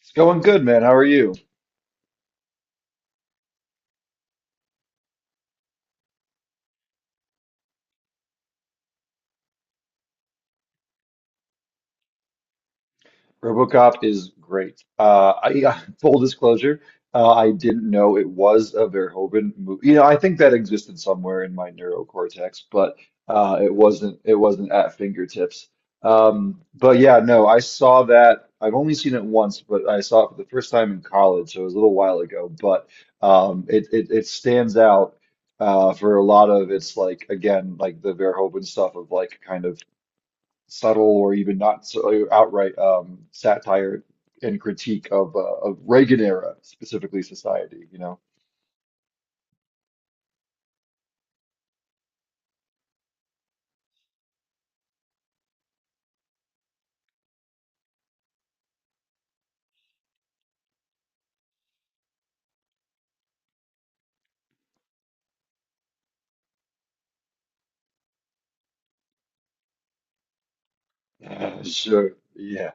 It's going good, man. How are you? RoboCop is great. Full disclosure, I didn't know it was a Verhoeven movie. You know, I think that existed somewhere in my neurocortex, but it wasn't. It wasn't at fingertips. But yeah, no, I saw that. I've only seen it once, but I saw it for the first time in college, so it was a little while ago. But it stands out, for a lot of its, like, again, like the Verhoeven stuff of, like, kind of subtle or even not so outright satire and critique of of Reagan era, specifically, society. So yeah,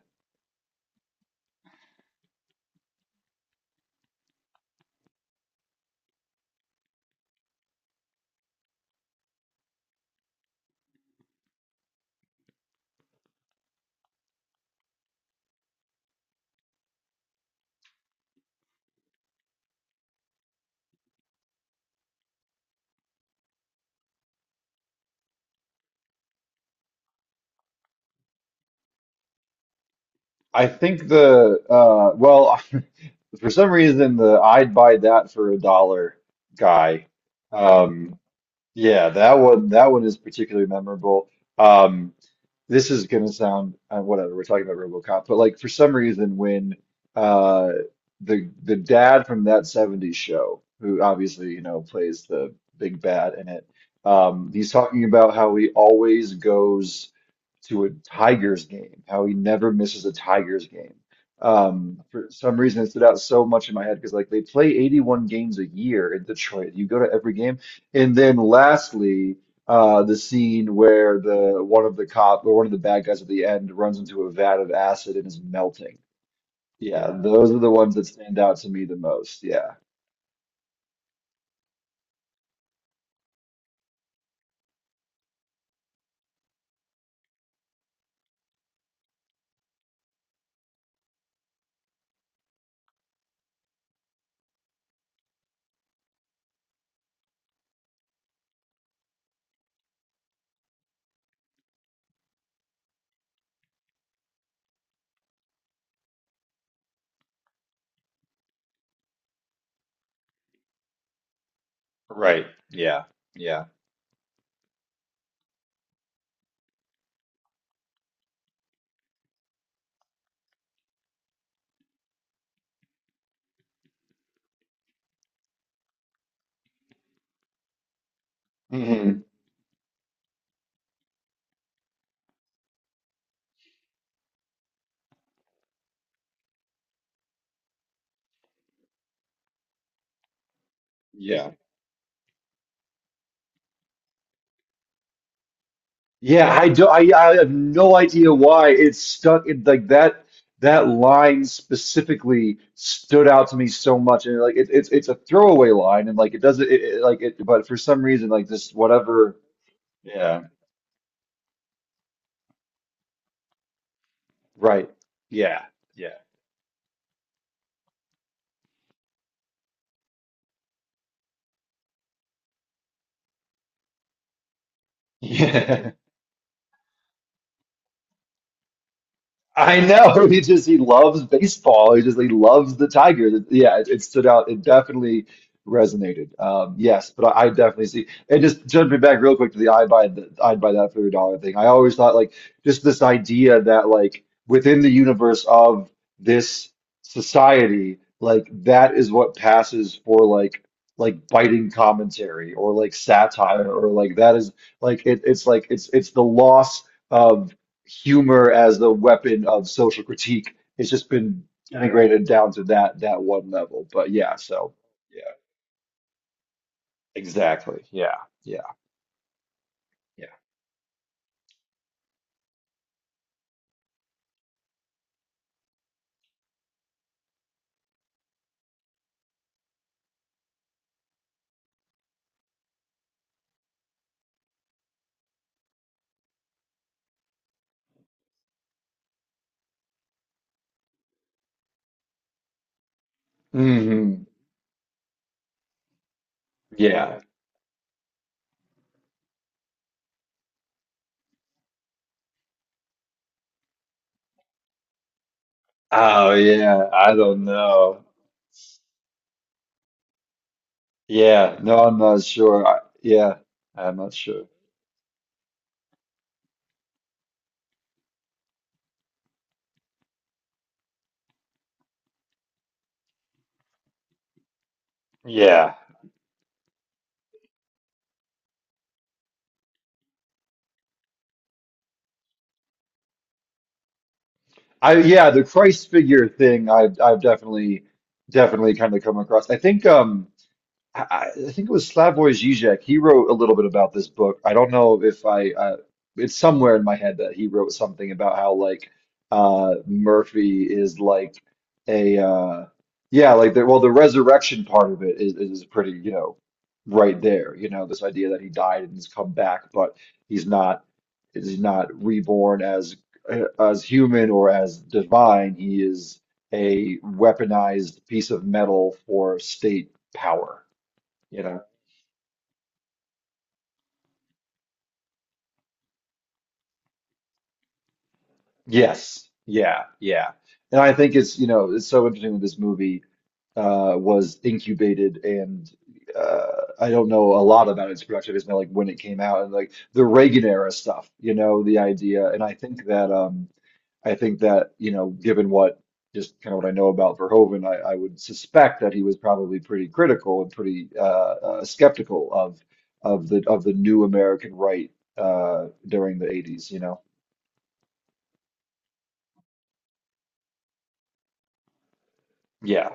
I think, the well, for some reason, the "I'd buy that for a dollar" guy. Um, yeah, that one is particularly memorable. Um, this is going to sound, whatever, we're talking about RoboCop, but like for some reason, when uh the dad from that 70s show, who obviously plays the big bad in it, he's talking about how he always goes to a Tigers game, how he never misses a Tigers game. For some reason, it stood out so much in my head because, like, they play 81 games a year in Detroit. You go to every game, and then lastly, the scene where the one of the cop, or one of the bad guys at the end, runs into a vat of acid and is melting. Yeah, those are the ones that stand out to me the most. Yeah. Right. Yeah. Yeah. Hmm. Yeah. Yeah, I do. I have no idea why it's stuck in like that. That line specifically stood out to me so much, and like it's a throwaway line, and like it doesn't, like it, but for some reason, like this, whatever. Yeah. Right. Yeah. Yeah. Yeah. I know. He just he loves baseball. He just he loves the Tigers. Yeah, it stood out. It definitely resonated. Yes, but I definitely see. And just jumping back real quick to the "I'd buy that for a dollar" thing. I always thought, like, just this idea that, like, within the universe of this society, like, that is what passes for, like, biting commentary, or like satire, or like that is like it, it's like it's the loss, humor as the weapon of social critique. It's just been integrated down to that one level. But yeah, so yeah, exactly. Yeah, yeah, yeah. Hmm. Yeah. Oh yeah. I don't know. Yeah. No, I'm not sure. Yeah, I'm not sure. Yeah. I Yeah, the Christ figure thing I've definitely, kind of come across. I think it was Slavoj Žižek. He wrote a little bit about this book. I don't know if it's somewhere in my head that he wrote something about how, like, Murphy is like a, yeah, like the, well, the resurrection part of it is pretty, right there. You know, this idea that he died and he's come back, but he's not, he's not reborn as human or as divine. He is a weaponized piece of metal for state power, you know? Yes. Yeah. Yeah. And I think it's so interesting that this movie was incubated and uh I don't know a lot about its production history, like when it came out and like the Reagan era stuff, the idea. And I think that, given what just kind of what I know about Verhoeven, I would suspect that he was probably pretty critical and pretty skeptical of the new American right, during the 80s. Yeah.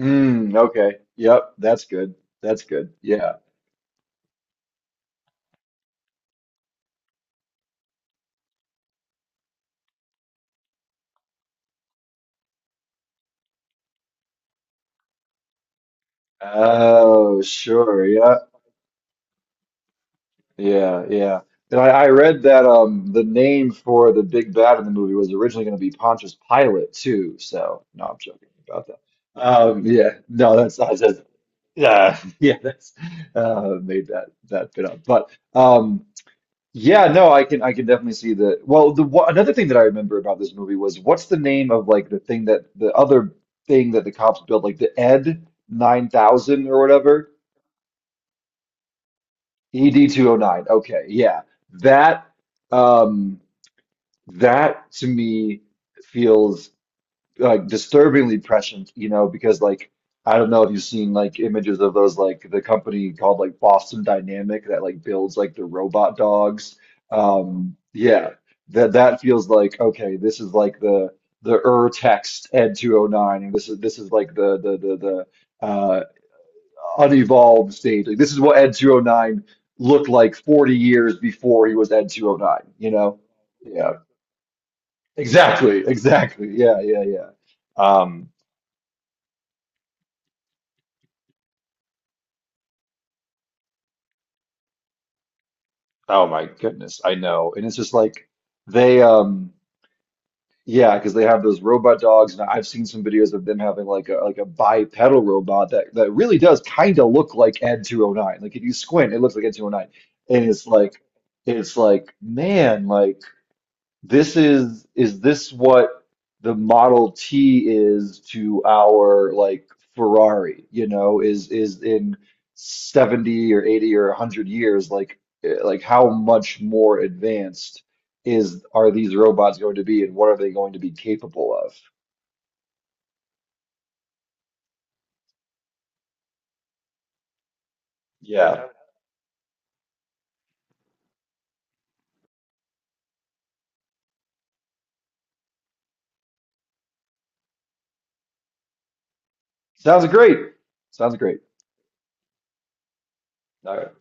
Mm, okay. Yep, that's good. That's good. Yeah. Oh, sure. Yeah. Yeah, yeah. And I read that the name for the big bad in the movie was originally going to be Pontius Pilate, too. So, no, I'm joking about that. Yeah. No, that's I just yeah, yeah, that's made that bit up. But. Yeah, no, I can, I can definitely see the, another thing that I remember about this movie was, what's the name of like the thing that the other thing that the cops built, like the Ed 9000 or whatever? ED 209, okay, yeah, that um that, to me, feels, like, disturbingly prescient, because, like, I don't know if you've seen, like, images of those, like, the company called, like, Boston Dynamic, that, like, builds, like, the robot dogs. Yeah, that feels like, okay, this is like the, Ur text Ed 209, and this is like the unevolved stage. Like, this is what Ed 209 looked like 40 years before he was Ed 209, you know? Yeah. Exactly, exactly. Yeah, yeah, yeah. Um Oh my goodness, I know. And it's just like they, yeah, because they have those robot dogs, and I've seen some videos of them having, like, a bipedal robot that really does kind of look like Ed 209. Like, if you squint, it looks like Ed 209. And it's like, man, like, this is this what the Model T is to our, like, Ferrari, you know, is in 70 or 80 or 100 years? Like, eh, like, how much more advanced is are these robots going to be, and what are they going to be capable of? Yeah. Sounds great. Sounds great. All right.